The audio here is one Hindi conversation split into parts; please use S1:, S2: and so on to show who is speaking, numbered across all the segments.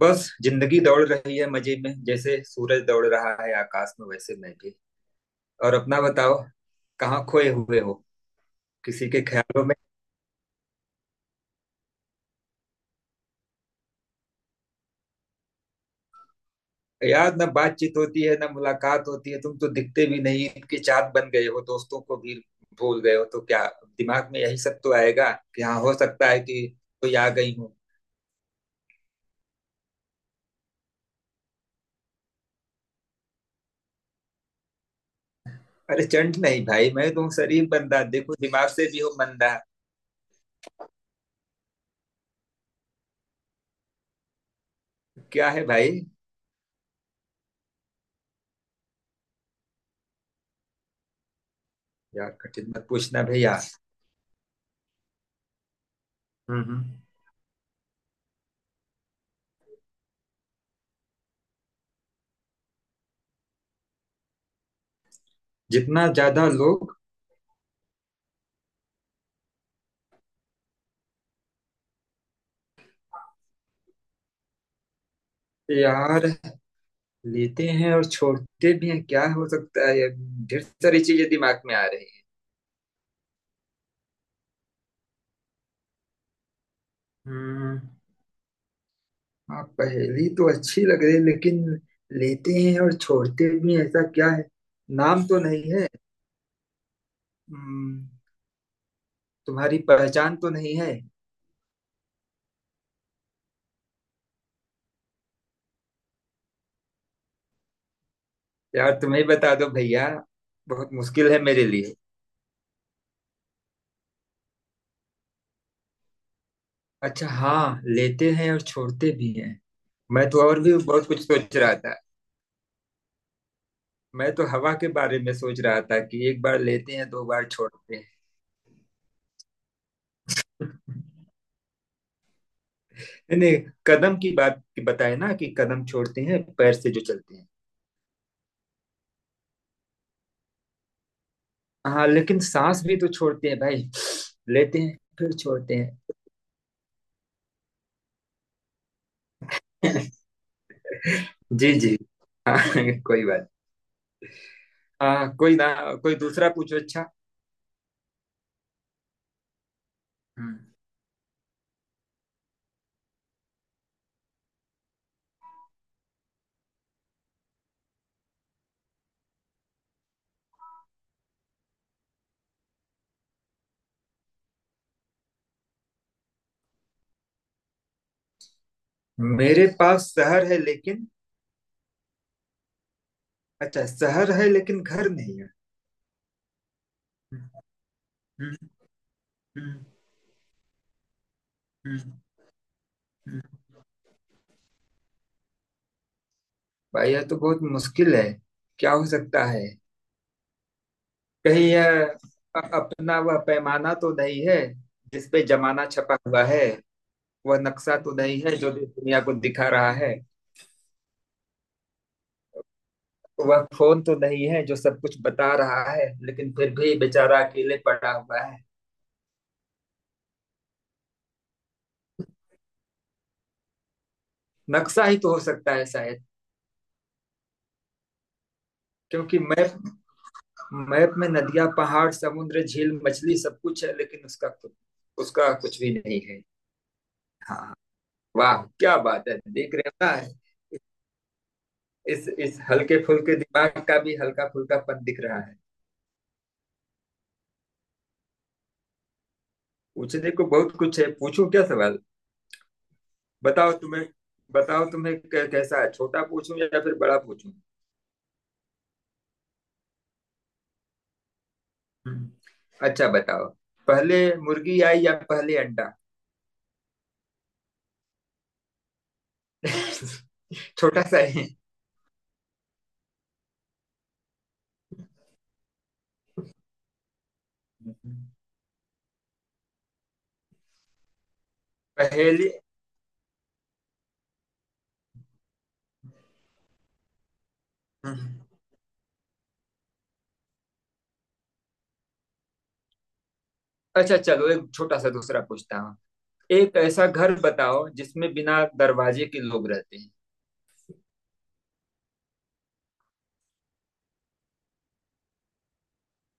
S1: बस जिंदगी दौड़ रही है मजे में, जैसे सूरज दौड़ रहा है आकाश में वैसे मैं भी। और अपना बताओ, कहाँ खोए हुए हो? किसी के ख्यालों में? यार, ना बातचीत होती है ना मुलाकात होती है, तुम तो दिखते भी नहीं, ईद की चाहत बन गए हो, दोस्तों को भी भूल गए हो तो क्या। दिमाग में यही सब तो आएगा कि हाँ हो सकता है कि कोई आ गई हूँ। अरे चंट नहीं भाई, मैं तो हूँ शरीफ बंदा, देखो दिमाग से भी हो मंदा। क्या है भाई? यार कठिन मत पूछना भैया। हम्म हम्म। जितना ज्यादा लोग। यार, लेते हैं और छोड़ते भी हैं, क्या हो सकता है ये? ढेर सारी चीजें दिमाग में आ रही हैं। हम्म। हाँ, पहेली तो अच्छी लग रही है, लेकिन लेते हैं और छोड़ते भी हैं, ऐसा क्या है? नाम तो नहीं है? हम्म, तुम्हारी पहचान तो नहीं है? यार तुम्हें ही बता दो भैया, बहुत मुश्किल है मेरे लिए। अच्छा, हाँ, लेते हैं और छोड़ते भी हैं। मैं तो और भी बहुत कुछ सोच रहा था, मैं तो हवा के बारे में सोच रहा था कि एक बार लेते हैं दो बार छोड़ते हैं। नहीं नहीं, कदम की बात बताए ना कि कदम छोड़ते हैं पैर से जो चलते हैं। हाँ लेकिन सांस भी तो छोड़ते हैं भाई, लेते हैं फिर छोड़ते हैं। जी जी। हाँ कोई बात। हाँ कोई ना। कोई दूसरा पूछो। अच्छा। हम्म। मेरे पास शहर है, लेकिन। अच्छा, शहर है लेकिन घर नहीं है। हम्म। हम्म। हम्म। हम्म। भाई यह तो बहुत मुश्किल है, क्या हो सकता है? कहीं यह अपना वह पैमाना तो नहीं है जिसपे जमाना छपा हुआ है? वह नक्शा तो नहीं है जो भी दुनिया को दिखा रहा है? वह फोन तो नहीं है जो सब कुछ बता रहा है लेकिन फिर भी बेचारा अकेले पड़ा हुआ है? नक्शा ही तो हो सकता है शायद। क्योंकि मैप मैप में नदियां पहाड़ समुद्र झील मछली सब कुछ है, लेकिन उसका उसका कुछ भी नहीं है। हाँ। वाह क्या बात है, देख रहे है। इस हल्के फुल्के दिमाग का भी हल्का फुल्कापन दिख रहा है। पूछने को बहुत कुछ है, पूछूं क्या सवाल। बताओ तुम्हें, बताओ तुम्हें कैसा है, छोटा पूछूं या फिर बड़ा पूछूं? हम्म। अच्छा बताओ, पहले मुर्गी आई या पहले अंडा? छोटा सा है। पहले। अच्छा चलो एक छोटा सा दूसरा पूछता हूँ। एक ऐसा घर बताओ जिसमें बिना दरवाजे के लोग रहते हैं।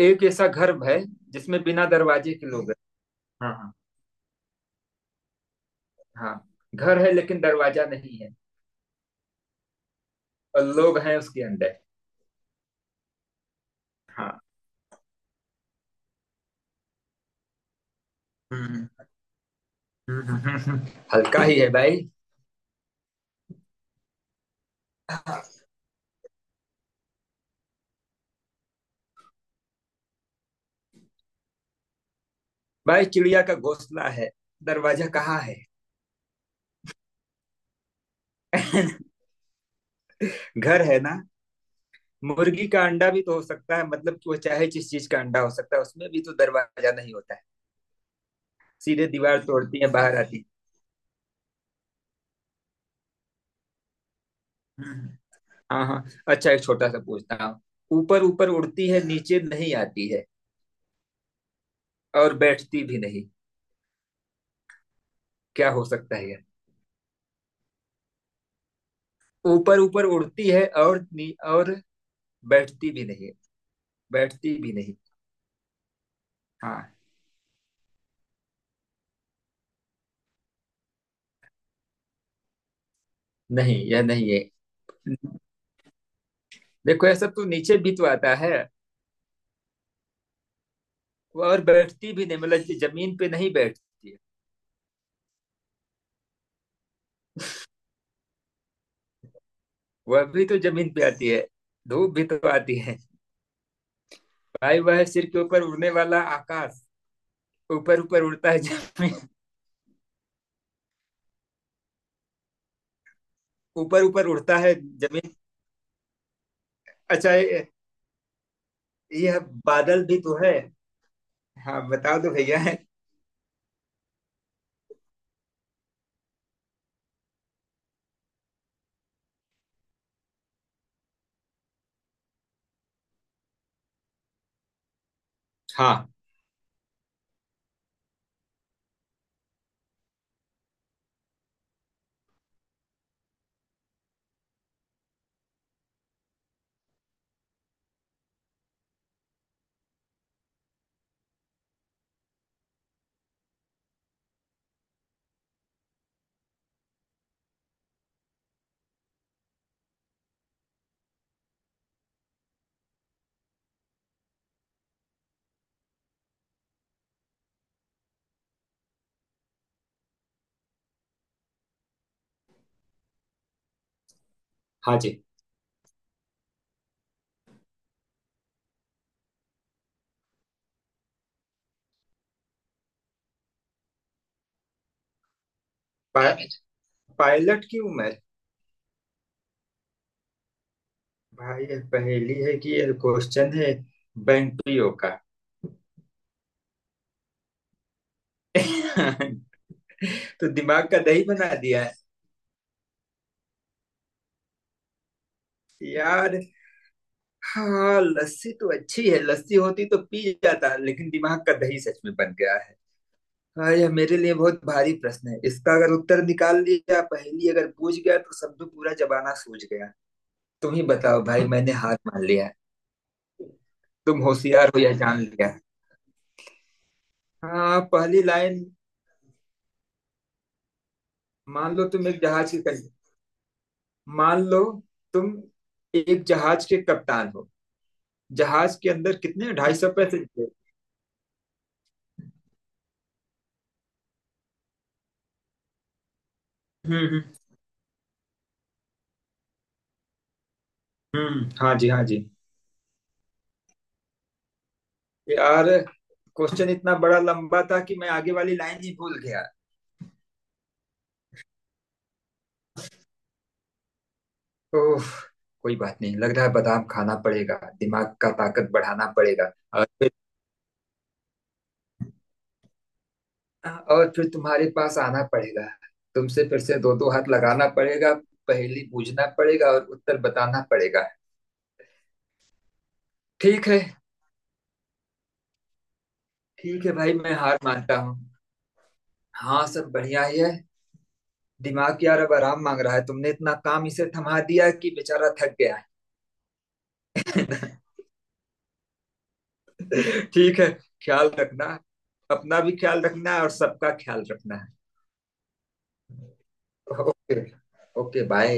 S1: एक ऐसा घर है जिसमें बिना दरवाजे के लोग रहते हैं। हाँ हाँ हाँ। घर है लेकिन दरवाजा नहीं है, और लोग हैं उसके अंदर। हाँ। हम्म। हम्म। हम्म। हम्म। हल्का ही है भाई। भाई चिड़िया का घोंसला है, दरवाजा कहाँ है? घर है ना। मुर्गी का अंडा भी तो हो सकता है, मतलब कि वो चाहे जिस चीज का अंडा हो सकता है उसमें भी तो दरवाजा नहीं होता है, सीधे दीवार तोड़ती है बाहर आती है। हम्म। हाँ हाँ, अच्छा एक छोटा सा पूछता हूँ। ऊपर ऊपर उड़ती है, नीचे नहीं आती है, और बैठती भी नहीं, क्या हो सकता है ये? ऊपर ऊपर उड़ती है और और बैठती भी नहीं, बैठती भी नहीं। हाँ। नहीं, यह नहीं है। देखो यह सब तो नीचे भी तो आता है। और बैठती भी नहीं मतलब जो जमीन पे नहीं बैठती है। वह भी तो जमीन पे आती है, धूप भी तो आती है। भाई वह सिर के ऊपर उड़ने वाला आकाश, ऊपर ऊपर उड़ता है जमीन। ऊपर ऊपर उड़ता है जमीन अच्छा यह बादल भी तो है। हाँ बता दो भैया है। हाँ। हाँ जी। पा, पायलट की उम्र। भाई यह पहेली है कि यह क्वेश्चन है बैंटियो का? तो दिमाग का दही बना दिया है। यार, हाँ लस्सी तो अच्छी है, लस्सी होती तो पी जाता, लेकिन दिमाग का दही सच में बन गया है। हाँ यह मेरे लिए बहुत भारी प्रश्न है, इसका अगर उत्तर निकाल लिया, पहेली अगर पूछ गया तो समझो पूरा जमाना सूझ गया। तुम ही बताओ भाई, मैंने हार मान लिया। तुम होशियार हो यह जान लिया। हाँ पहली लाइन। मान लो तुम एक जहाज के कं- मान लो तुम एक जहाज के कप्तान हो। जहाज के अंदर कितने, 250 पैसेंजर। हम्म। हम्म। हाँ जी हाँ जी। यार क्वेश्चन इतना बड़ा लंबा था कि मैं आगे वाली लाइन ही भूल गया। ओह, कोई बात नहीं, लग रहा है बादाम खाना पड़ेगा, दिमाग का ताकत बढ़ाना पड़ेगा। और फिर, तुम्हारे पास आना पड़ेगा, तुमसे फिर से दो दो हाथ लगाना पड़ेगा, पहेली बूझना पड़ेगा और उत्तर बताना पड़ेगा। ठीक है। ठीक है भाई, मैं हार मानता हूँ। हाँ सब बढ़िया ही है। दिमाग यार अब आराम मांग रहा है, तुमने इतना काम इसे थमा दिया कि बेचारा थक गया है। ठीक है। ख्याल रखना, अपना भी ख्याल रखना है और सबका ख्याल रखना है। ओके। Okay bye.